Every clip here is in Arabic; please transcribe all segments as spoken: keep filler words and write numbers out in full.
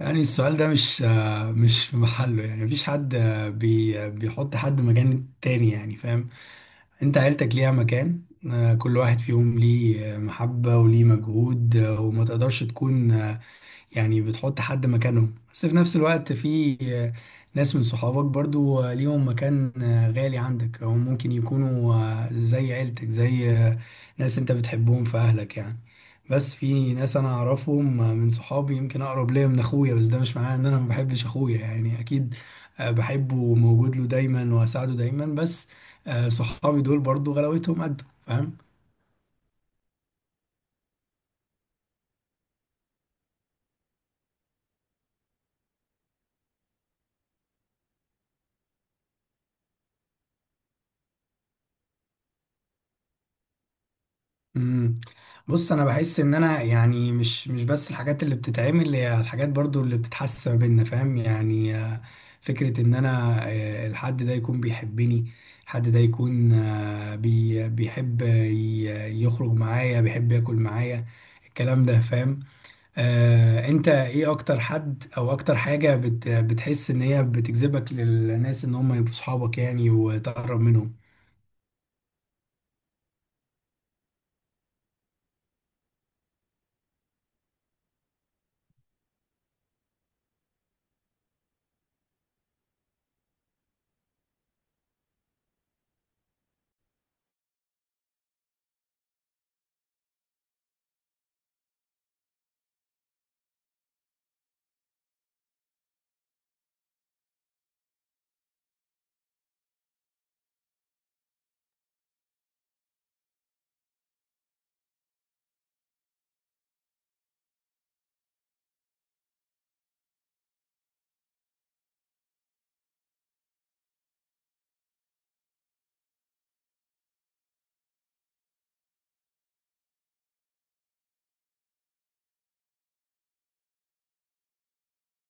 يعني السؤال ده مش آه، مش في محله، يعني مفيش حد آه، بي آه، بيحط حد مكان تاني، يعني فاهم. انت عيلتك ليها مكان. آه، كل واحد فيهم ليه آه، محبة وليه مجهود آه، وما تقدرش تكون، يعني بتحط حد مكانهم. بس في نفس الوقت في آه، ناس من صحابك برضو آه، ليهم مكان آه، غالي عندك، او ممكن يكونوا آه، زي عيلتك، زي آه، ناس انت بتحبهم في اهلك يعني. بس في ناس انا اعرفهم آه، من صحابي يمكن اقرب ليا من اخويا، بس ده مش معناه ان انا ما بحبش اخويا يعني. اكيد آه، بحبه وموجود له دايما واساعده دايما، بس آه، صحابي دول برضو غلاوتهم قد فاهم. امم. بص انا بحس ان انا يعني مش مش بس الحاجات اللي بتتعمل هي الحاجات برضو اللي بتتحس ما بيننا فاهم يعني. آه، فكرة ان انا آه، الحد ده يكون بيحبني، الحد ده يكون آه، بي بيحب ي- يخرج معايا، بيحب ياكل معايا، الكلام ده فاهم. آه انت ايه اكتر حد او اكتر حاجة بت بتحس ان هي بتجذبك للناس ان هم يبقوا صحابك، يعني وتقرب منهم.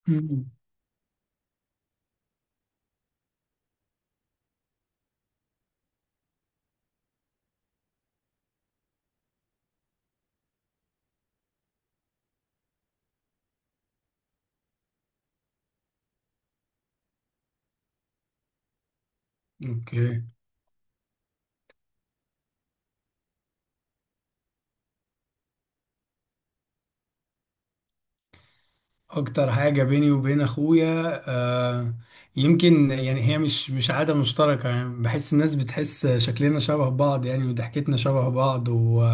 امم. اوكي. اكتر حاجة بيني وبين اخويا آه يمكن يعني هي مش مش عادة مشتركة، يعني بحس الناس بتحس شكلنا شبه بعض يعني وضحكتنا شبه بعض و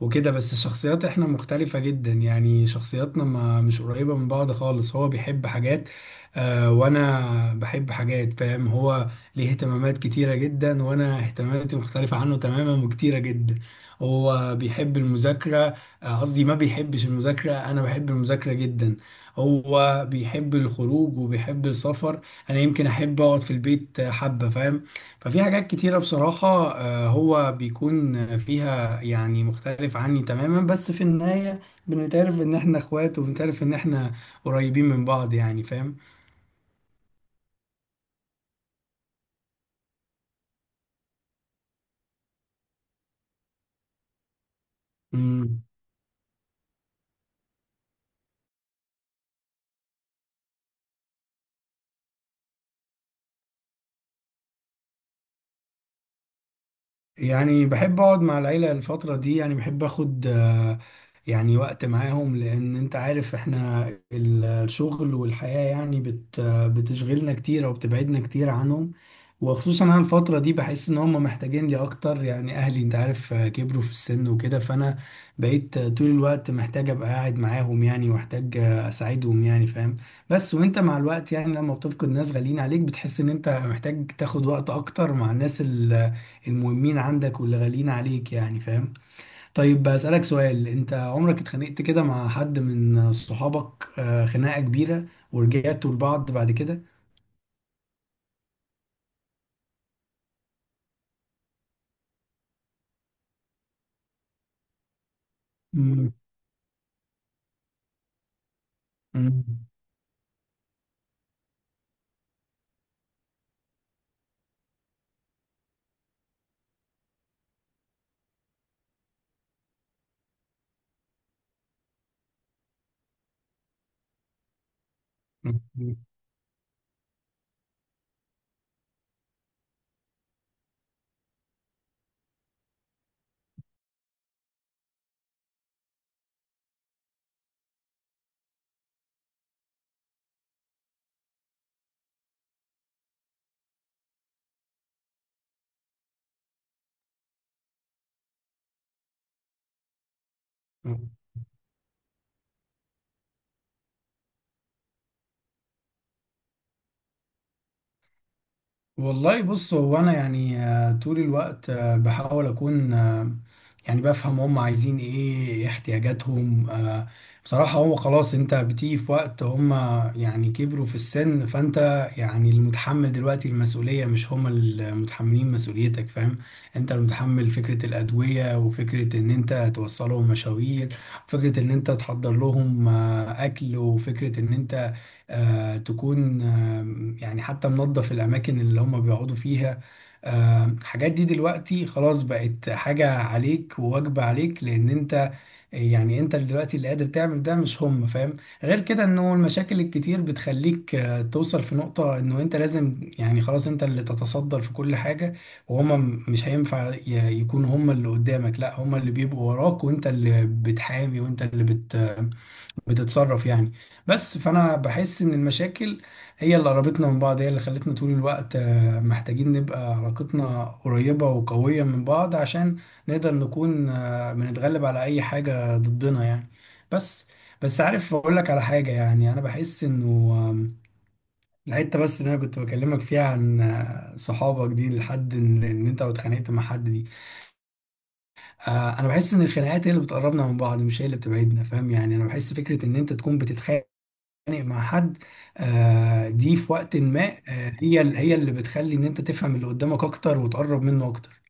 وكده. بس الشخصيات احنا مختلفة جدا، يعني شخصياتنا ما مش قريبة من بعض خالص. هو بيحب حاجات آه وانا بحب حاجات فاهم. هو ليه اهتمامات كتيرة جدا وانا اهتماماتي مختلفة عنه تماما وكتيرة جدا. هو بيحب المذاكرة آه، قصدي ما بيحبش المذاكرة، انا بحب المذاكرة جدا. هو بيحب الخروج وبيحب السفر، انا يمكن احب اقعد في البيت حبة فاهم. ففي حاجات كتيرة بصراحة آه، هو بيكون فيها يعني مختلف عني تماما. بس في النهاية بنتعرف ان احنا اخوات، وبنتعرف ان احنا قريبين من بعض يعني. فاهم. يعني بحب اقعد مع العيلة الفترة دي، يعني بحب اخد آه، يعني وقت معاهم لان انت عارف احنا ال- الشغل والحياة يعني بت آه، بتشغلنا كتير او بتبعدنا كتير عنهم. وخصوصا انا الفترة دي بحس ان هم محتاجين لي اكتر، يعني اهلي انت عارف آه، كبروا في السن وكده. فانا بقيت آه، طول الوقت محتاج ابقى قاعد معاهم يعني، واحتاج آه، اساعدهم يعني فاهم. بس وانت مع الوقت يعني لما بتفقد ناس غاليين عليك بتحس ان انت محتاج تاخد وقت اكتر مع الناس المهمين عندك واللي غاليين عليك يعني فاهم. طيب بسألك سؤال، انت عمرك اتخانقت كده مع حد من صحابك آه، خناقة كبيرة ورجعتوا لبعض بعد كده؟ مم. مم. والله بص، هو انا يعني آه، طول الوقت آه، بحاول اكون آه، يعني بفهم هم عايزين ايه، إيه احتياجاتهم آه، بصراحة. هو خلاص انت بتيجي في وقت هم يعني كبروا في السن، فانت يعني المتحمل دلوقتي المسؤولية مش هم المتحملين مسؤوليتك فاهم. انت المتحمل فكرة الأدوية، وفكرة ان انت توصلهم مشاوير، وفكرة ان انت تحضر لهم آه، اكل، وفكرة ان انت آه، تكون آم، يعني حتى منظف الأماكن اللي هم بيقعدوا فيها. آه، الحاجات دي دلوقتي خلاص بقت حاجة عليك وواجبة عليك، لأن أنت يعني أنت اللي دلوقتي اللي قادر تعمل ده مش هم فاهم. غير كده إنه المشاكل الكتير بتخليك آه، توصل في نقطة إنه أنت لازم يعني خلاص أنت اللي تتصدر في كل حاجة، وهم م- مش هينفع ي- يكونوا هم اللي قدامك، لا هم اللي بيبقوا وراك وأنت اللي بتحامي وأنت اللي بت بتتصرف يعني. بس فانا بحس ان المشاكل هي اللي قربتنا من بعض، هي اللي خلتنا طول الوقت آه، محتاجين نبقى علاقتنا قريبة وقوية من بعض عشان نقدر نكون آه، بنتغلب على اي حاجة ضدنا يعني. بس بس عارف اقول لك على حاجة، يعني انا بحس انه آم، الحتة بس اللي انا كنت بكلمك فيها عن آه، صحابك دي لحد ان إن انت اتخانقت مع حد دي آه، انا بحس ان الخناقات هي اللي بتقربنا من بعض مش هي اللي بتبعدنا فاهم يعني. انا بحس فكرة ان انت تكون بتتخانق بتتخانق مع حد آه، دي في وقت ما آه، هي ال- هي اللي بتخلي ان انت تفهم اللي قدامك اكتر وتقرب منه اكتر.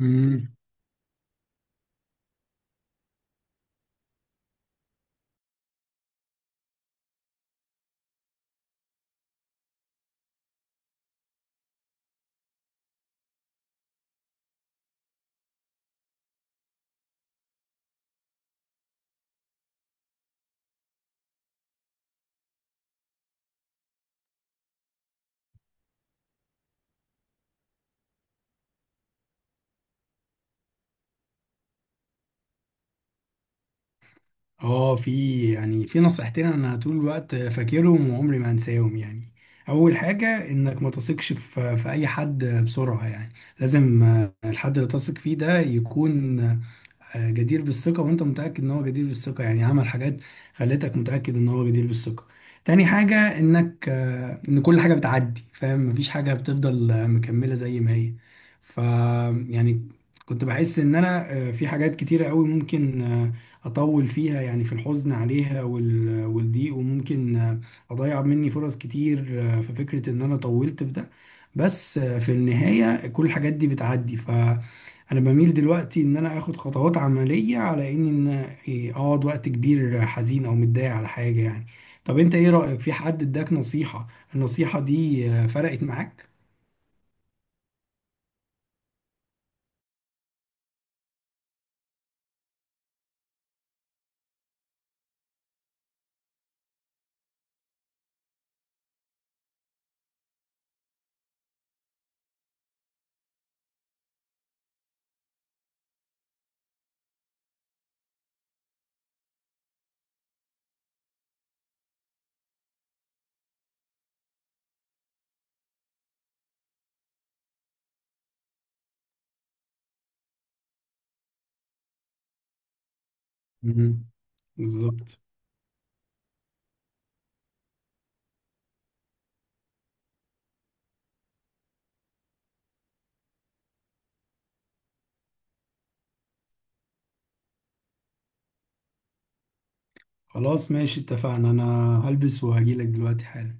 امم اه في يعني في نصيحتين انا طول الوقت فاكرهم وعمري ما هنساهم يعني. اول حاجة انك ما تثقش في في اي حد بسرعة يعني. لازم آه، الحد اللي تثق فيه ده يكون آه، جدير بالثقة وانت متأكد ان هو جدير بالثقة، يعني عمل حاجات خلتك متأكد ان هو جدير بالثقة. تاني حاجة انك آه، ان كل حاجة بتعدي فاهم، مفيش حاجة بتفضل آه، مكملة زي ما هي. ف يعني كنت بحس ان انا آه، في حاجات كتيرة قوي ممكن آه، اطول فيها، يعني في الحزن عليها وال- والضيق، وممكن آه، اضيع مني فرص كتير آه، في فكرة ان انا طولت في ده. بس آه، في النهاية كل الحاجات دي بتعدي. ف انا بميل دلوقتي ان انا اخد خطوات عملية على ان ان إيه، اقعد وقت كبير حزين او متضايق على حاجة يعني. طب انت ايه رأيك في حد اداك نصيحة، النصيحة دي آه، فرقت معاك؟ مم. بالظبط. خلاص ماشي اتفقنا، انا هلبس وهجيلك دلوقتي حالا.